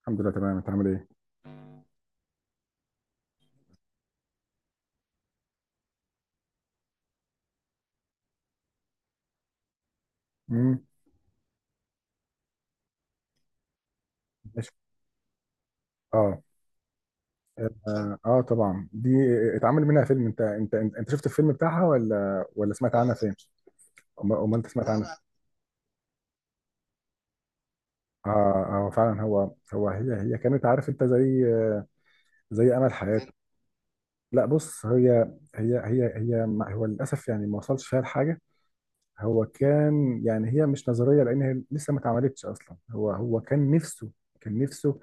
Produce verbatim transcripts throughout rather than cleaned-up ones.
الحمد لله تمام، انت عامل ايه؟ امم ماشي. اه اه آه، طبعا دي اتعمل منها فيلم. انت انت انت انت شفت الفيلم بتاعها ولا ولا سمعت عنها فين؟ امال أمال انت سمعت عنها. اه، اه فعلا. هو هو هي هي كانت، عارف انت، زي زي امل حياته. لا، بص، هي هي هي هي ما- هو للاسف يعني ما وصلش فيها لحاجه. هو كان، يعني هي مش نظريه لان هي لسه ما اتعملتش اصلا. هو هو كان نفسه، كان نفسه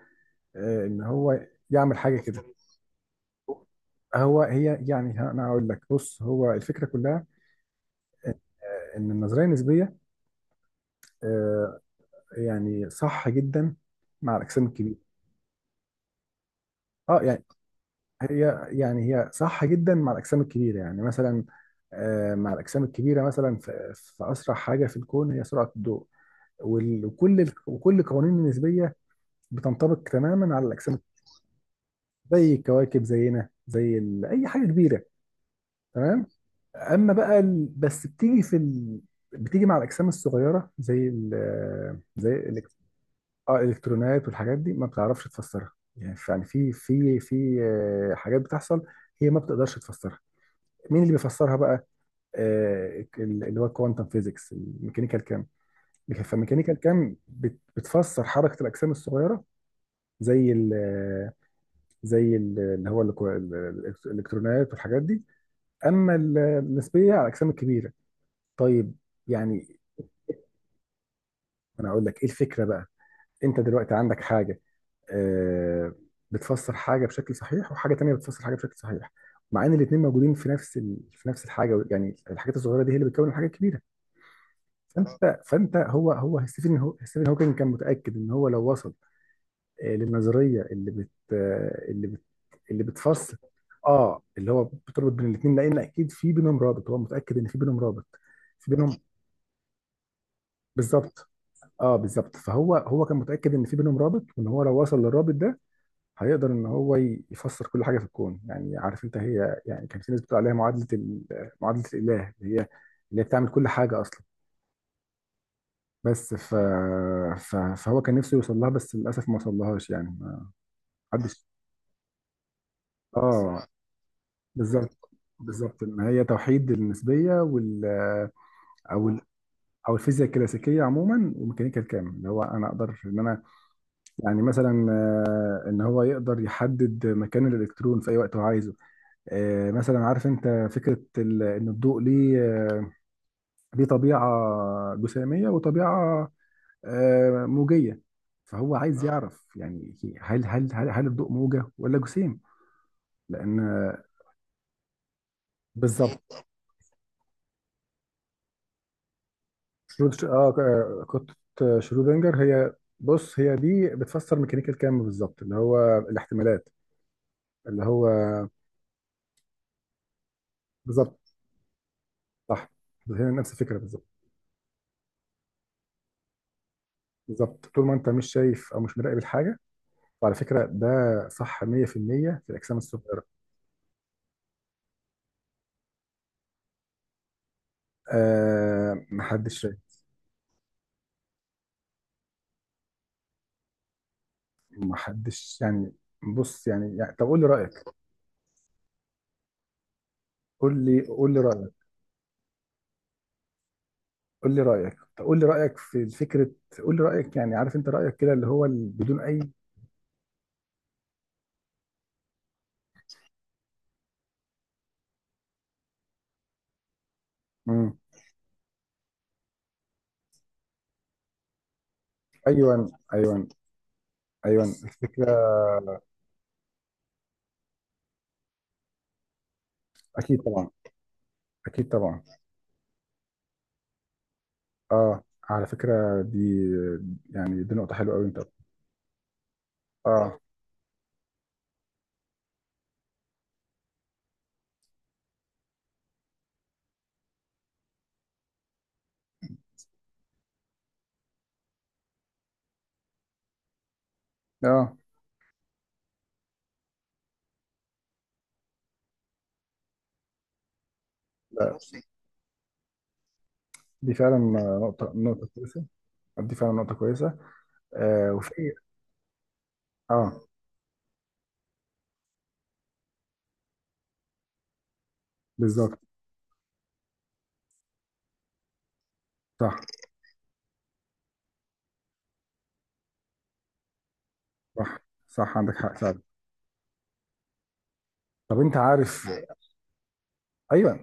آه ان هو يعمل حاجه كده. هو هي يعني ه- انا هقول لك، بص، هو الفكره كلها آه، ان النظريه النسبيه، آه، يعني صح جدا مع الاجسام الكبيره. اه، يعني هي يعني هي صح جدا مع الاجسام الكبيره، يعني مثلا آه، مع الاجسام الكبيره، مثلا في في اسرع حاجه في الكون هي سرعه الضوء. وال- وكل ال- وكل القوانين النسبيه بتنطبق تماما على الاجسام، زي الكواكب، زينا، زي ال- اي حاجه كبيره، تمام. اما بقى ال... بس بتيجي في ال... بتيجي مع الاجسام الصغيره، زي ال... زي الإلك... اه الالكترونات والحاجات دي ما بتعرفش تفسرها. يعني في يعني في في في آه، حاجات بتحصل هي ما بتقدرش تفسرها. مين اللي بيفسرها بقى؟ آه، ال- اللي هو الكوانتم فيزيكس، الميكانيكال كام. فالميكانيكال كام بت- بتفسر حركه الاجسام الصغيره، زي ال، زي ال- اللي هو الكو- ال- ال- الالكترونات والحاجات دي. اما ال- النسبيه على الاجسام الكبيره. طيب، يعني انا اقول لك ايه الفكره بقى. انت دلوقتي عندك حاجه آه، بتفسر حاجه بشكل صحيح، وحاجه تانية بتفسر حاجه بشكل صحيح، مع ان الاثنين موجودين في نفس ال... في نفس الحاجه. يعني الحاجات الصغيره دي هي اللي بتكون الحاجه الكبيره. فانت فانت هو هو ستيفن هو ستيفن هوكينج كان متاكد ان هو لو وصل آه، للنظريه اللي بت آه، اللي بت اللي بتفسر، اه اللي هو بتربط بين الاثنين، لان اكيد في بينهم رابط، هو متاكد ان في بينهم رابط، في بينهم، بالظبط. اه بالظبط. فهو هو كان متاكد ان في بينهم رابط، وان هو لو وصل للرابط ده هيقدر ان هو ي- يفسر كل حاجه في الكون. يعني عارف انت هي، يعني كان في ناس بتقول عليها معادله ال- معادله الاله، اللي هي، اللي هي بتعمل كل حاجه اصلا. بس ف... ف... فهو كان نفسه يوصل لها، بس للاسف ما وصلهاش، يعني ما حدش. اه، بالظبط. بالظبط، ان هي توحيد النسبيه وال، او ال... او الفيزياء الكلاسيكيه عموما وميكانيكا الكم، اللي هو انا اقدر ان انا، يعني مثلا آه، ان هو يقدر يحدد مكان الالكترون في اي وقت هو عايزه. آه، مثلا عارف انت فكره ال- ان الضوء ليه، آه، ليه طبيعه جساميه وطبيعه آه، موجيه. فهو عايز اه يعرف، يعني هل هل هل, هل الضوء موجه ولا جسيم، لان آه، بالظبط. شرود اه آه، قطه شرودنجر، هي. بص هي دي بتفسر ميكانيكا الكم بالظبط، اللي هو الاحتمالات، اللي هو بالظبط. صح، هي نفس الفكره بالظبط. بالظبط، طول ما انت مش شايف او مش مراقب الحاجه. وعلى فكره ده صح مية في المية في المية في الاجسام الصغيره. آه محدش شايف، محدش يعني. بص يعني, يعني طب قول لي رأيك. قول لي قول لي رأيك. قول لي رأيك، طب قول لي رأيك في فكرة، قول لي رأيك، يعني عارف انت رأيك كده، اللي هو ال- بدون أي. مم. أيوه، أيوه. أيوه الفكرة. أكيد طبعا، أكيد طبعا. أه، على فكرة دي، يعني دي نقطة حلوة أوي انت. أه. أه، لا دي فعلا نقطة، نقطة كويسة. دي فعلا نقطة كويسة. آه وفي. أه بالظبط. صح، صح، صح، عندك حق فعلا. طب انت عارف؟ ايوه،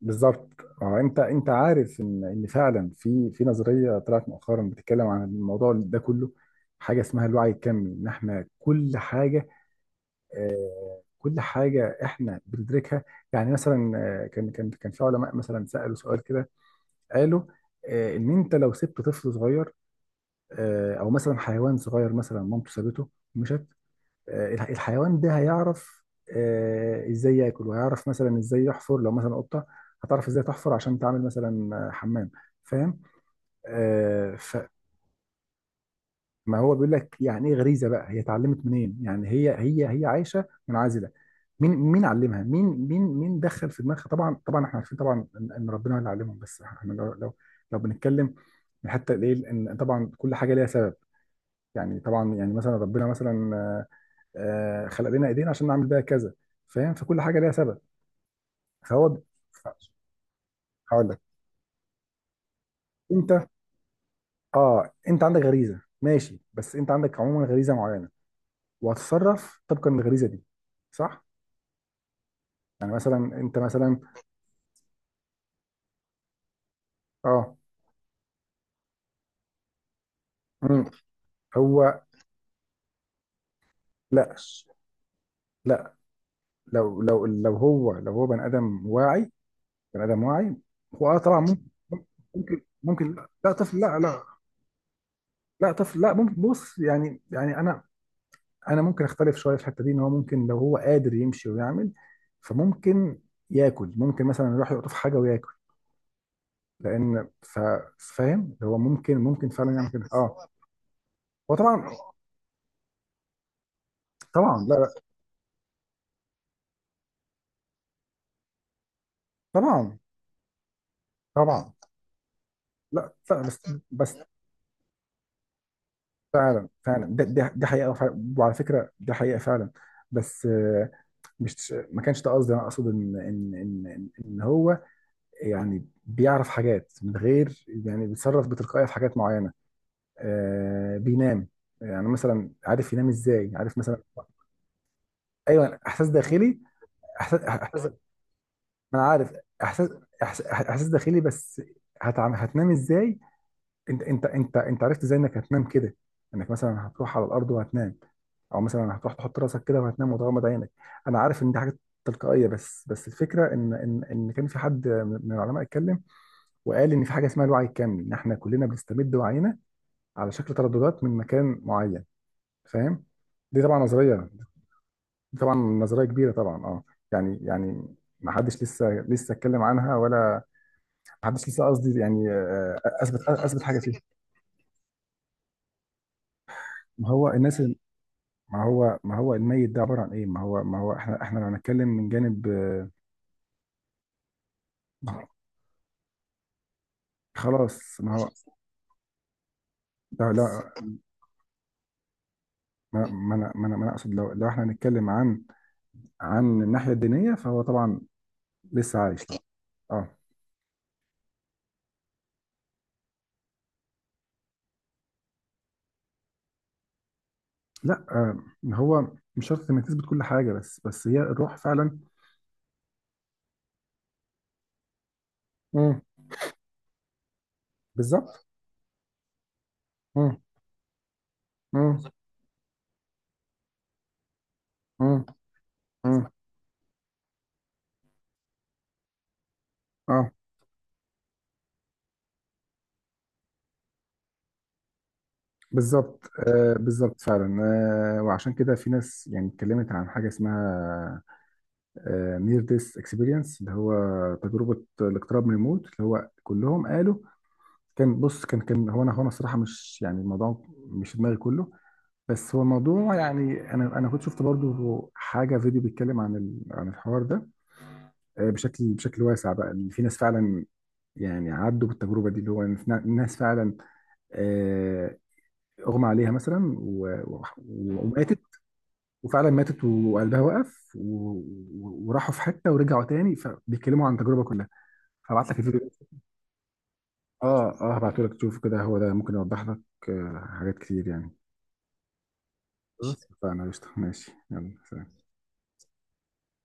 بالظبط. اه انت انت عارف ان ان فعلا في في نظريه طلعت مؤخرا بتتكلم عن الموضوع ده كله. حاجه اسمها الوعي الكمي، ان احنا كل حاجه، آه كل حاجه احنا بندركها. يعني مثلا آه، كان كان كان في علماء مثلا سالوا سؤال كده. قالوا آه، ان انت لو سبت طفل صغير، آه او مثلا حيوان صغير، مثلا مامته سابته ومشت، آه، الح- الحيوان ده هيعرف آه، ازاي ياكل، وهيعرف مثلا ازاي يحفر، لو مثلا قطه هتعرف ازاي تحفر عشان تعمل مثلا آه، حمام، فاهم؟ آه، فما هو بيقول لك يعني ايه غريزه بقى، هي اتعلمت منين؟ يعني هي هي هي عايشه منعزله، مين مين علمها؟ مين مين مين دخل في دماغها؟ طبعا، طبعا احنا عارفين طبعا ان إن ربنا اللي علمهم، بس احنا لو لو لو بنتكلم من حتى الايه ان طبعا كل حاجه ليها سبب. يعني طبعا، يعني مثلا ربنا مثلا آه، خلق لنا ايدينا عشان نعمل بيها كذا، فاهم؟ فكل حاجه ليها سبب. فهو ف- هقول لك. انت اه انت عندك غريزه، ماشي، بس انت عندك عموما غريزه معينه، وهتتصرف طبقا للغريزه دي، صح؟ يعني مثلا انت مثلا اه. مم، هو لا، لا، لو لو لو هو لو هو بني ادم واعي، بني ادم واعي، هو اه طبعا ممكن. ممكن، ممكن، لا لا طفل، لا لا، لا طفل، لا، ممكن. بص يعني، يعني انا، انا ممكن اختلف شويه في الحته دي، ان هو ممكن لو هو قادر يمشي ويعمل، فممكن ياكل، ممكن مثلا يروح يقطف حاجه وياكل، لان ف- فاهم؟ هو ممكن، ممكن فعلا يعمل كده، اه. هو طبعا. طبعا، لا لا. طبعا، طبعا، لا لا، بس. بس فعلا، فعلا ده ده ده حقيقه، وفع- وعلى فكره ده حقيقه فعلا. بس آه، مش ما كانش ده قصدي، انا اقصد ان ان ان ان إن هو يعني بيعرف حاجات من غير، يعني بيتصرف بتلقائيه في حاجات معينه. آه بينام، يعني مثلا عارف ينام ازاي، عارف مثلا. ايوه احساس داخلي، احساس احساس ما، انا عارف. احساس احساس إحساس داخلي، بس هتعم... هتنام ازاي؟ انت انت انت انت عرفت ازاي انك هتنام كده، انك مثلا هتروح على الارض وهتنام، او مثلا هتروح تحط راسك كده وهتنام وتغمض عينك. انا عارف ان دي حاجه تلقائيه، بس بس الفكره ان ان ان كان في حد من العلماء اتكلم وقال ان في حاجه اسمها الوعي الكامل، ان احنا كلنا بنستمد وعينا على شكل ترددات من مكان معين، فاهم؟ دي طبعا نظريه، دي طبعا نظريه كبيره طبعا اه. يعني، يعني ما حدش لسه لسه اتكلم عنها، ولا ما حدش لسه، قصدي يعني آه، اثبت اثبت حاجه فيها. ما هو الناس ال- ما هو، ما هو الميت ده عباره عن ايه؟ ما هو، ما هو احنا، احنا لو هنتكلم من جانب آه، خلاص ما هو. لا لا، ما ما انا ما انا ما أنا اقصد لو، لو احنا هنتكلم عن عن الناحيه الدينيه فهو طبعا لسه عايش، طبعا اه. لا آه، ما هو مش شرط انك تثبت كل حاجه، بس بس هي الروح فعلا. مم. بالظبط. مم. مم. مم. مم. اه بالظبط. آه بالظبط فعلا. آه وعشان كده في ناس، يعني اتكلمت عن حاجه اسمها نير ديس اكسبيرينس، اللي هو تجربه الاقتراب من الموت، اللي هو كلهم قالوا. كان، بص كان، كان هو، انا هو انا الصراحه مش، يعني الموضوع مش في دماغي كله، بس هو الموضوع، يعني انا، انا كنت شفت برضو حاجه، فيديو بيتكلم عن ال- عن الحوار ده آه، بشكل بشكل واسع بقى، إن في ناس فعلا، يعني عدوا بالتجربه دي، اللي هو إن في نا- ناس فعلا آه، اغمى عليها مثلا و- و- وماتت، وفعلا ماتت وقلبها وقف و- و- وراحوا في حته ورجعوا تاني، فبيتكلموا عن التجربه كلها. هبعت لك الفيديو ده. اه اه هبعته لك تشوفه كده، هو ده ممكن يوضح لك آه، حاجات كتير يعني. قشطة. خلاص فانا قشطه، ماشي، يلا سلام.